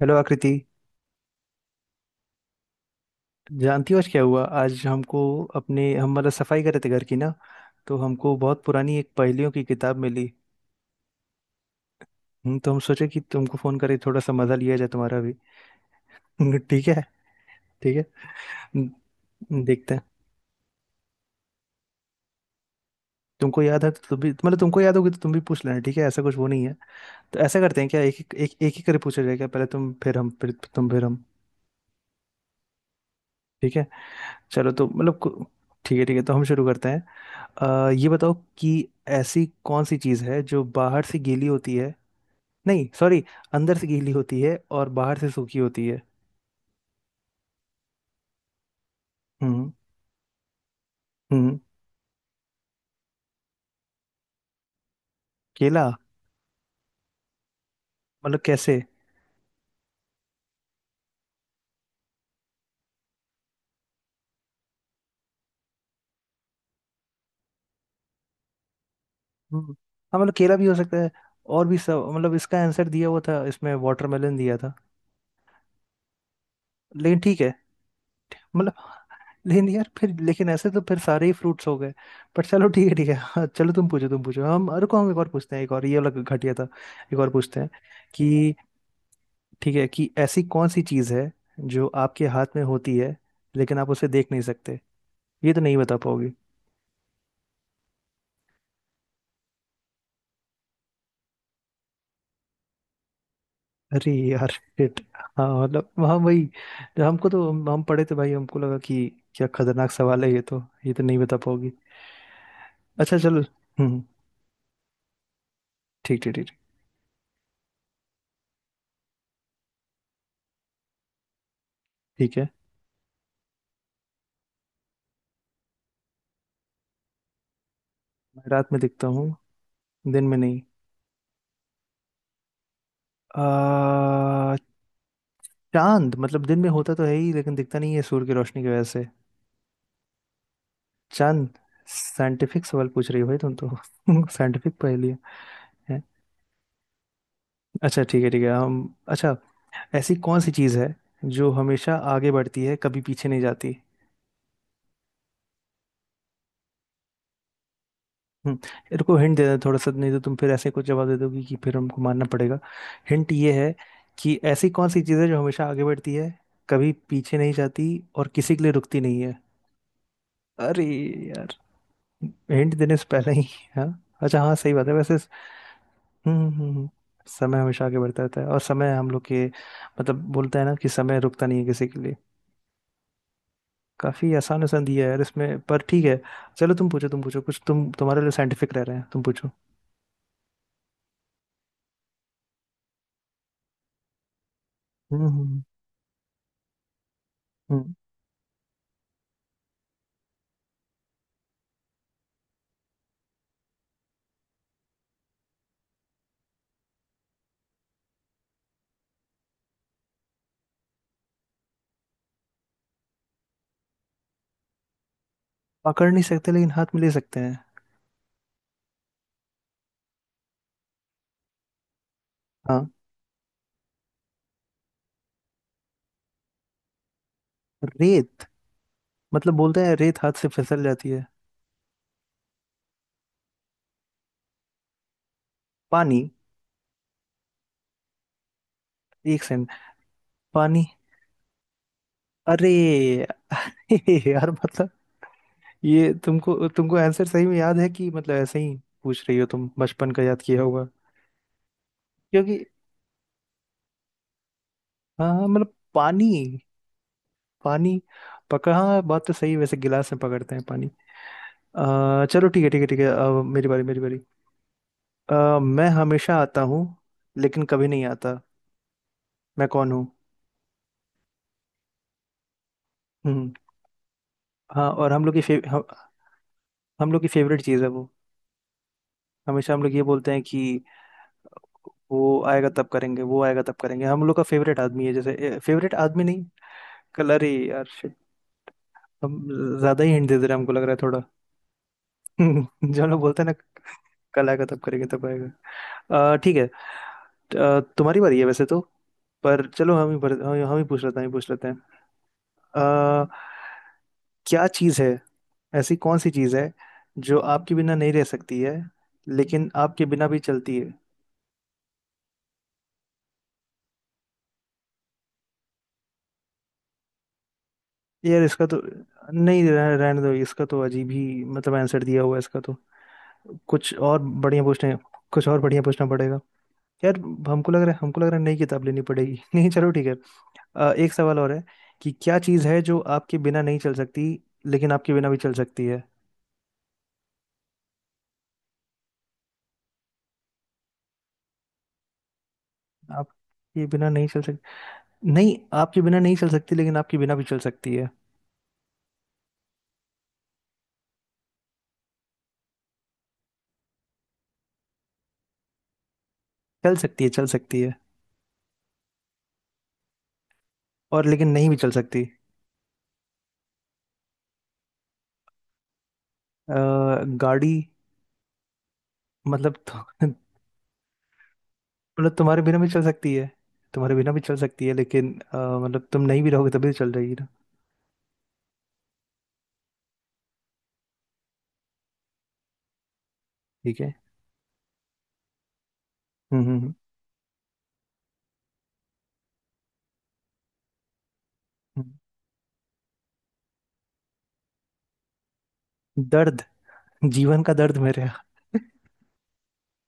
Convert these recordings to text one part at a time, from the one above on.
Hello Akriti. जानती हो आज क्या हुआ? आज हमको अपने हम मतलब सफाई कर रहे थे घर की ना। तो हमको बहुत पुरानी एक पहेलियों की किताब मिली। तो हम सोचे कि तुमको फोन करें, थोड़ा सा मजा लिया जाए तुम्हारा भी। ठीक है। ठीक है। हम्म, देखते हैं। तुमको याद है तो तुम भी, मतलब तुमको याद होगी तो तुम भी पूछ लेना। ठीक है, ऐसा कुछ वो नहीं है। तो ऐसा करते हैं, क्या एक ही करके पूछा जाएगा, पहले तुम फिर हम फिर तुम फिर हम। ठीक है। चलो तो मतलब ठीक है ठीक है, तो हम शुरू करते हैं। ये बताओ कि ऐसी कौन सी चीज़ है जो बाहर से गीली होती है, नहीं सॉरी, अंदर से गीली होती है और बाहर से सूखी होती है। हम्म, हम्म। केला। मतलब कैसे? हम्म हाँ मतलब केला भी हो सकता है, और भी सब। मतलब इसका आंसर दिया हुआ था इसमें, वाटरमेलन दिया था। लेकिन ठीक है। मतलब, लेकिन यार फिर, लेकिन ऐसे तो फिर सारे ही फ्रूट्स हो गए। पर चलो ठीक है ठीक है। हाँ, चलो तुम पूछो तुम पूछो। हम अरे को हम एक और पूछते हैं, एक और, ये वाला घटिया था। एक और पूछते हैं कि, ठीक है कि ऐसी कौन सी चीज़ है जो आपके हाथ में होती है लेकिन आप उसे देख नहीं सकते? ये तो नहीं बता पाओगे। अरे यार shit। हाँ मतलब, हाँ वही। जब हमको, तो हम पढ़े थे भाई, हमको लगा कि क्या खतरनाक सवाल है, ये तो नहीं बता पाओगी। अच्छा चलो। हम्म। ठीक ठीक ठीक। ठीक है। मैं रात में दिखता हूँ दिन में नहीं। आ, चांद, मतलब दिन में होता तो है ही लेकिन दिखता नहीं है सूर्य की रोशनी की वजह से। चांद। साइंटिफिक सवाल पूछ रही हो भाई तुम तो, साइंटिफिक पहेली है। अच्छा ठीक है हम, अच्छा ऐसी कौन सी चीज़ है जो हमेशा आगे बढ़ती है कभी पीछे नहीं जाती? रुको हिंट दे दें थोड़ा सा, नहीं तो तुम फिर ऐसे कुछ जवाब दे दोगी कि फिर हमको मानना पड़ेगा। हिंट ये है कि ऐसी कौन सी चीज़ है जो हमेशा आगे बढ़ती है कभी पीछे नहीं जाती और किसी के लिए रुकती नहीं है? अरे यार, हिंट देने से पहले ही। हाँ, अच्छा हाँ सही बात है वैसे। समय हमेशा आगे बढ़ता रहता है, और समय हम लोग के मतलब बोलते हैं ना कि समय रुकता नहीं है किसी के लिए। काफी आसान आसान दिया है यार इसमें, पर ठीक है। चलो तुम पूछो कुछ, तुम तुम्हारे लिए साइंटिफिक रह रहे हैं, तुम पूछो। हम्म हम्म हम्म। पकड़ नहीं सकते लेकिन हाथ में ले सकते हैं। हाँ। रेत, मतलब बोलते हैं रेत हाथ से फिसल जाती है। पानी। एक सेकंड। पानी। अरे यार, मतलब ये तुमको, तुमको आंसर सही में याद है कि मतलब ऐसे ही पूछ रही हो तुम बचपन का याद किया होगा क्योंकि। हाँ हाँ, मतलब पानी। पानी पकड़, हाँ बात तो सही है वैसे, गिलास में पकड़ते हैं पानी। चलो ठीक है ठीक है ठीक है, अब मेरी बारी मेरी बारी। मैं हमेशा आता हूँ लेकिन कभी नहीं आता। मैं कौन हूँ? हम्म हाँ, और हम लोग की हम लोग की फेवरेट चीज़ है वो, हमेशा हम लोग ये बोलते हैं कि वो आएगा तब करेंगे, वो आएगा तब करेंगे। हम लोग का फेवरेट आदमी है जैसे, फेवरेट आदमी नहीं। कलर ही यार shit, हम ज्यादा ही हिंट दे दे रहे हैं हमको लग रहा है थोड़ा। जो हम लोग बोलते हैं ना, कल आएगा तब करेंगे, तब आएगा। ठीक है। तुम्हारी बारी है वैसे तो, पर चलो हम ही भर, हम ही पूछ लेते हैं, हम ही पूछ लेते हैं। अ, क्या चीज़ है, ऐसी कौन सी चीज़ है जो आपके बिना नहीं रह सकती है लेकिन आपके बिना भी चलती है? यार इसका तो नहीं रहने दो, इसका तो अजीब ही मतलब आंसर दिया हुआ है इसका तो। कुछ और बढ़िया पूछने, कुछ और बढ़िया पूछना पड़ेगा यार। हमको लग रहा है हमको लग रहा है नई किताब लेनी पड़ेगी। नहीं चलो ठीक है। एक सवाल और है कि क्या चीज़ है जो आपके बिना नहीं चल सकती लेकिन आपके बिना भी चल सकती है? आपके बिना नहीं चल सकती? नहीं, आपके बिना नहीं चल सकती लेकिन आपके बिना भी चल सकती है। चल सकती है चल सकती है, और लेकिन नहीं भी चल सकती। अ, गाड़ी। मतलब मतलब तुम्हारे बिना भी चल सकती है, तुम्हारे बिना भी चल सकती है लेकिन मतलब तुम नहीं भी रहोगे तभी तो चल जाएगी ना। ठीक है। हम्म हम्म हम्म। हम्म। दर्द। जीवन का दर्द मेरे।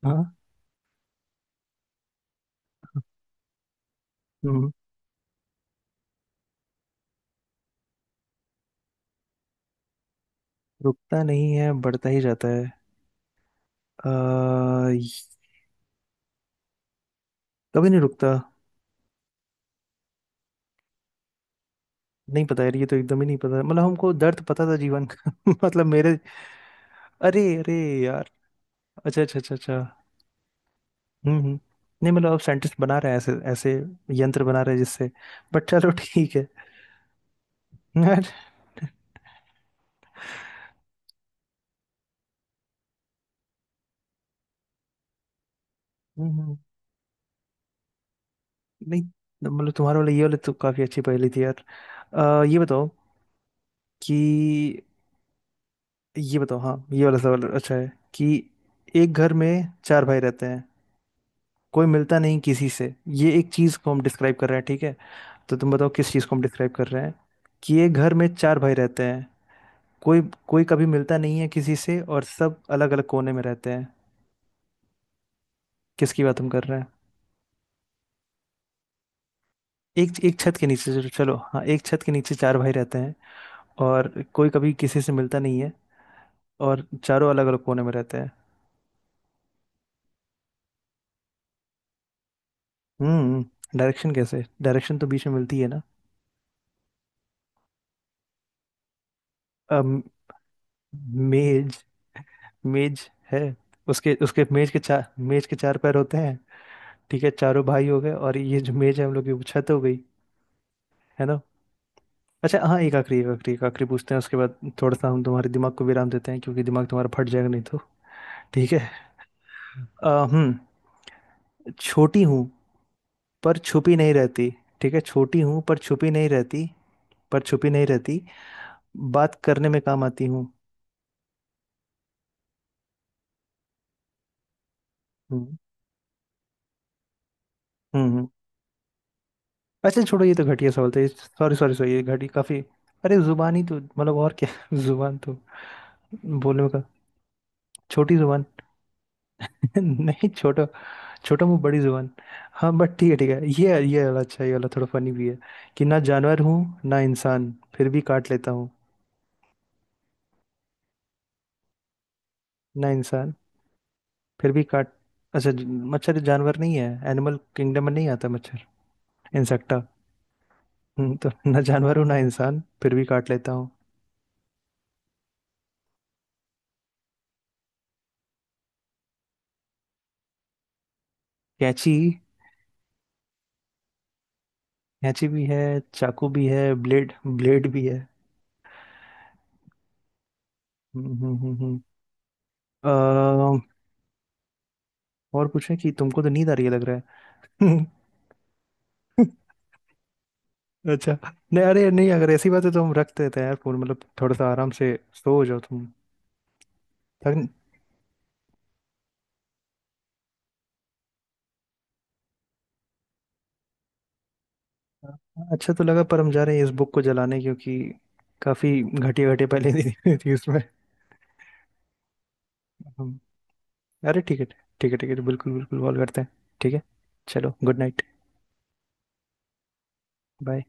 हाँ। हम्म रुकता नहीं है बढ़ता ही जाता है। अ कभी नहीं रुकता। नहीं पता यार, ये तो एकदम ही नहीं पता, मतलब हमको दर्द पता था जीवन का। मतलब मेरे। अरे अरे यार, अच्छा अच्छा अच्छा अच्छा। हम्म हम्म नहीं मतलब, अब साइंटिस्ट बना रहे हैं ऐसे ऐसे यंत्र बना रहे हैं जिससे, बट चलो ठीक है। यार। हम्म हम्म, नहीं मतलब तुम्हारा वाला, ये वाला तो काफी अच्छी पहेली थी यार। ये बताओ कि, ये बताओ, हाँ ये वाला सवाल अच्छा है कि एक घर में चार भाई रहते हैं, कोई मिलता नहीं किसी से। ये एक चीज को हम डिस्क्राइब कर रहे हैं ठीक है, तो तुम बताओ किस चीज को हम डिस्क्राइब कर रहे हैं कि ये घर में चार भाई रहते हैं, कोई कोई कभी मिलता नहीं है किसी से और सब अलग अलग कोने में रहते हैं। किसकी बात हम कर रहे हैं? एक एक छत के नीचे, चलो चलो, हाँ एक छत के नीचे चार भाई रहते हैं और कोई कभी किसी से मिलता नहीं है और चारों अलग अलग कोने में रहते हैं। हम्म डायरेक्शन? कैसे डायरेक्शन? तो बीच में मिलती है ना। अम, मेज। मेज है। उसके उसके मेज के चार, मेज के चार पैर होते हैं, ठीक है चारों भाई हो गए, और ये जो मेज है हम लोग की वो छत हो गई। है ना? अच्छा हाँ, एक आखिरी एक आखिरी एक आखिरी पूछते हैं, उसके बाद थोड़ा सा हम तुम्हारे दिमाग को विराम देते हैं क्योंकि दिमाग तुम्हारा फट जाएगा नहीं तो। ठीक है। आ, हम्म छोटी हूँ पर छुपी नहीं रहती। ठीक है, छोटी हूँ पर छुपी नहीं रहती, पर छुपी नहीं रहती, बात करने में काम आती हूँ। हम्म हम्म हम्म। अच्छा छोड़ो, ये तो घटिया सवाल था, सॉरी सॉरी सॉरी, ये घटी काफी। अरे जुबान ही तो, मतलब और क्या। जुबान तो बोलने का, छोटी जुबान। नहीं छोटा, छोटा मुंह बड़ी जुबान। हाँ बट ठीक है ठीक है, ये वाला अच्छा है, ये वाला थोड़ा फनी भी है कि ना जानवर हूँ ना इंसान फिर भी काट लेता हूँ। ना इंसान फिर भी काट। अच्छा मच्छर जानवर नहीं है, एनिमल किंगडम में नहीं आता मच्छर, इंसेक्टा। तो ना जानवर हूँ ना इंसान फिर भी काट लेता हूँ। कैंची। कैंची भी है, चाकू भी है, ब्लेड ब्लेड भी है। हम्म हम्म हम्म हम्म। अ, और पूछे कि, तुमको तो नींद आ रही है लग रहा है। अच्छा। नहीं अरे नहीं, अगर ऐसी बात है तो हम रख देते हैं यार फोन, मतलब थोड़ा सा आराम से सो जाओ तुम। थक। अच्छा तो लगा, पर हम जा रहे हैं इस बुक को जलाने क्योंकि काफी घटिया घटिया पहले दी हुई थी उसमें। हम, अरे ठीक है ठीक है ठीक है, बिल्कुल बिल्कुल कॉल करते हैं। ठीक है। चलो गुड नाइट। बाय।